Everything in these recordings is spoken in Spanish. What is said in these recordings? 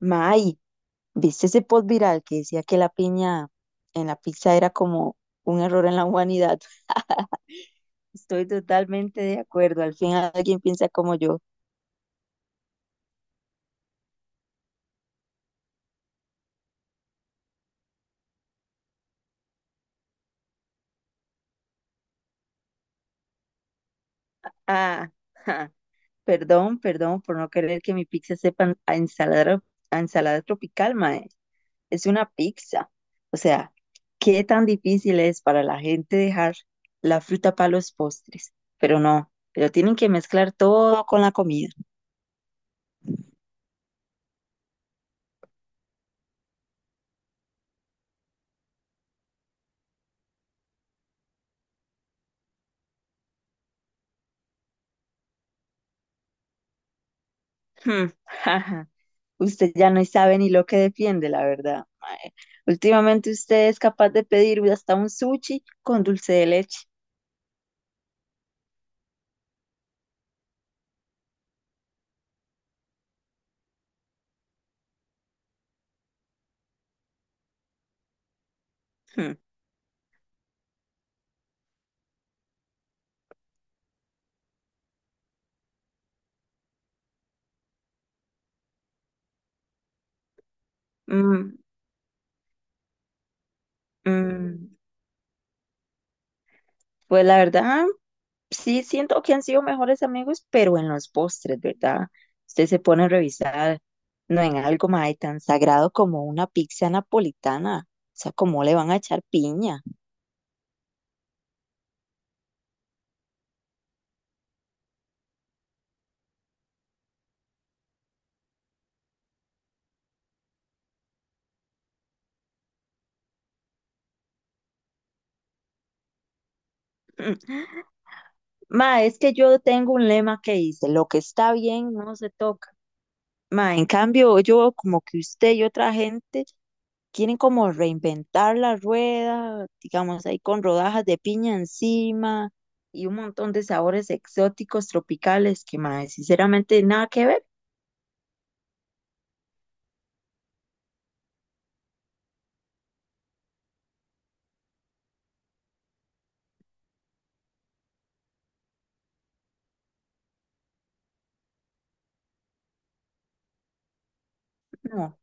May, ¿viste ese post viral que decía que la piña en la pizza era como un error en la humanidad? Estoy totalmente de acuerdo, al fin alguien piensa como yo. Ah, ja, perdón por no querer que mi pizza sepa a ensalada tropical, mae. Es una pizza. O sea, ¿qué tan difícil es para la gente dejar la fruta para los postres? Pero no, pero tienen que mezclar todo con la comida. Hmm. Usted ya no sabe ni lo que defiende, la verdad, mae. Últimamente usted es capaz de pedir hasta un sushi con dulce de leche. Hmm. Mm, mm. Pues la verdad, sí siento que han sido mejores amigos, pero en los postres, ¿verdad? Usted se pone a revisar, no en algo más tan sagrado como una pizza napolitana. O sea, ¿cómo le van a echar piña? Mm. Ma, es que yo tengo un lema que dice, lo que está bien no se toca. Ma, en cambio, yo veo como que usted y otra gente quieren como reinventar la rueda, digamos, ahí con rodajas de piña encima y un montón de sabores exóticos tropicales que, ma, sinceramente nada que ver, no.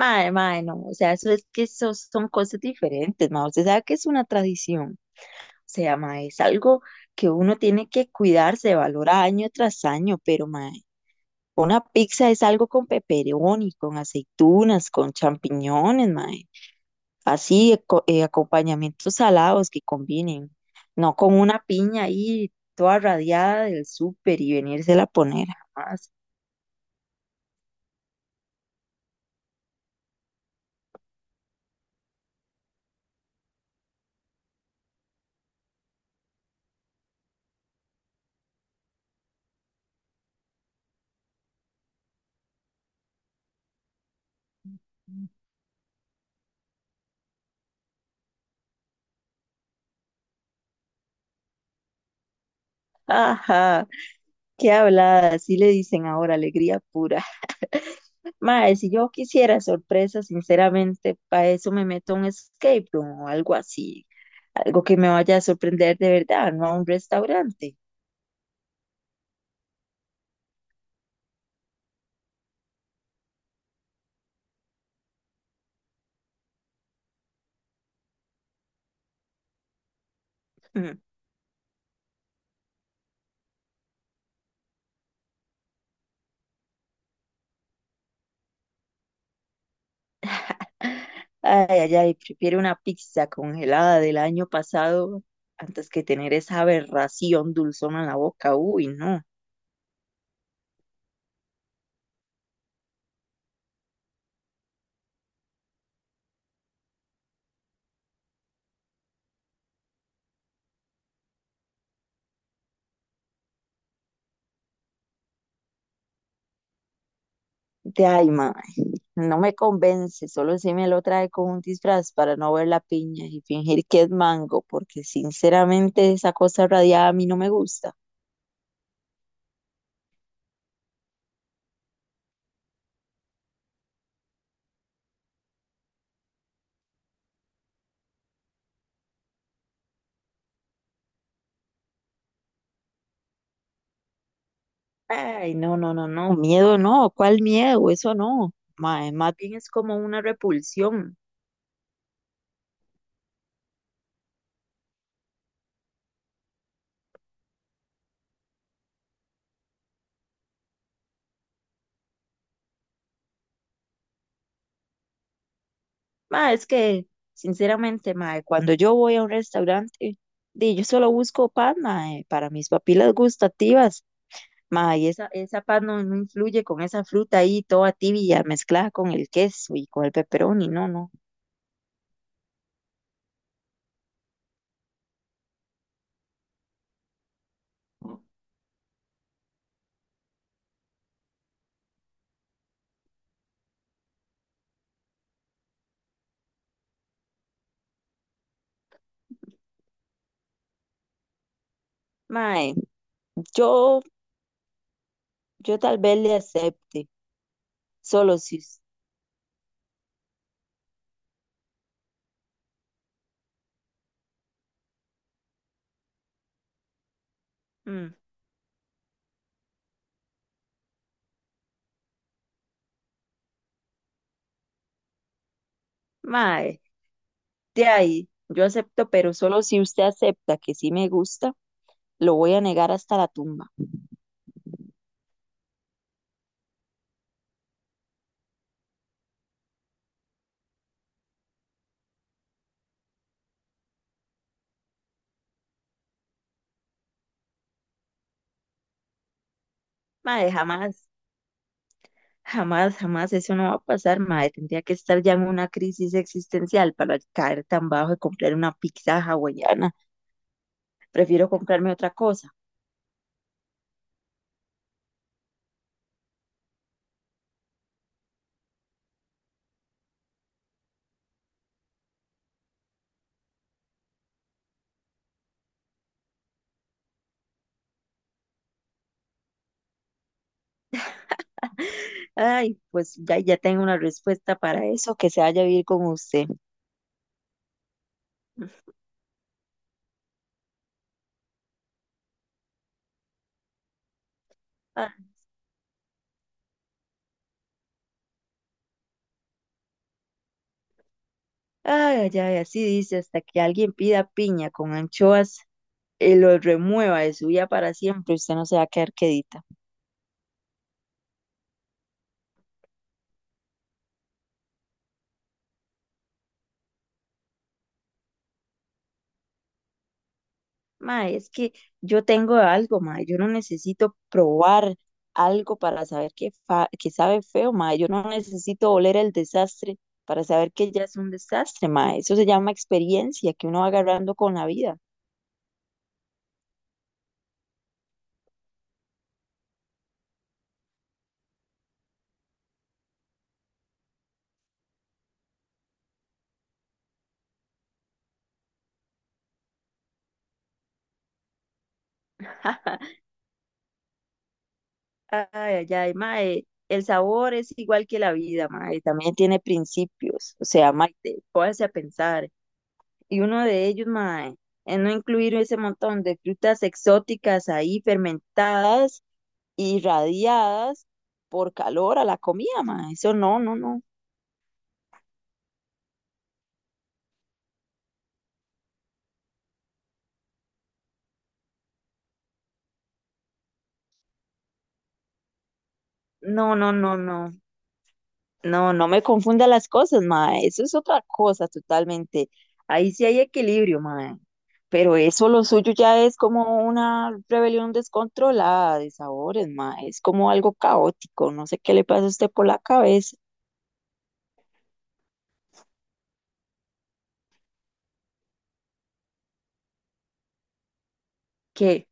Mae, mae, no, o sea, eso es que eso son cosas diferentes, ma, usted sabe que es una tradición, o sea, ma, es algo que uno tiene que cuidarse, valorar año tras año, pero, ma, una pizza es algo con pepperoni, con aceitunas, con champiñones, mae. Así, acompañamientos salados que combinen. No con una piña ahí toda radiada del súper y venírsela a poner jamás. Ajá, qué hablada, así le dicen ahora, alegría pura. Mae, si yo quisiera sorpresa, sinceramente, para eso me meto a un escape room o algo así. Algo que me vaya a sorprender de verdad, no a un restaurante. Ay, ay, ay, prefiero una pizza congelada del año pasado antes que tener esa aberración dulzona en la boca. Uy, no. De ay, ma, no me convence, solo si me lo trae con un disfraz para no ver la piña y fingir que es mango, porque sinceramente esa cosa radiada a mí no me gusta. Ay, no, no, no, no, miedo no, ¿cuál miedo? Eso no. Ma, más bien es como una repulsión. Ma, es que, sinceramente, mae, cuando yo voy a un restaurante, di, yo solo busco pan, mae, para mis papilas gustativas, mae, y esa pan no, no influye con esa fruta ahí toda tibia mezclada con el queso y con el pepperoni, no, no. Mae, yo, yo tal vez le acepte, solo si mm, ma, de ahí, yo acepto, pero solo si usted acepta que sí me gusta, lo voy a negar hasta la tumba. Mae, jamás. Jamás, jamás eso no va a pasar, madre. Tendría que estar ya en una crisis existencial para caer tan bajo y comprar una pizza hawaiana. Prefiero comprarme otra cosa. Ay, pues ya, ya tengo una respuesta para eso, que se vaya a vivir con usted. Ah. Ay, ay, ay, así dice, hasta que alguien pida piña con anchoas y lo remueva de su vida para siempre, usted no se va a quedar quedita. Ma, es que yo tengo algo, ma, yo no necesito probar algo para saber que, que sabe feo, ma, yo no necesito oler el desastre para saber que ya es un desastre, ma, eso se llama experiencia que uno va agarrando con la vida. Ay, ay, ay, ma, el sabor es igual que la vida, ma, y también tiene principios, o sea, ma, póngase a pensar, y uno de ellos, ma, es no incluir ese montón de frutas exóticas ahí fermentadas irradiadas por calor a la comida, ma. Eso no, no, no. No, no, no, no. No, no me confunda las cosas, ma. Eso es otra cosa totalmente. Ahí sí hay equilibrio, ma. Pero eso lo suyo ya es como una rebelión descontrolada de sabores, ma. Es como algo caótico. No sé qué le pasa a usted por la cabeza. Que,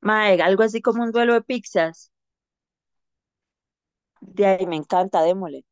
ma, algo así como un duelo de pizzas. De ahí me encanta, démosle.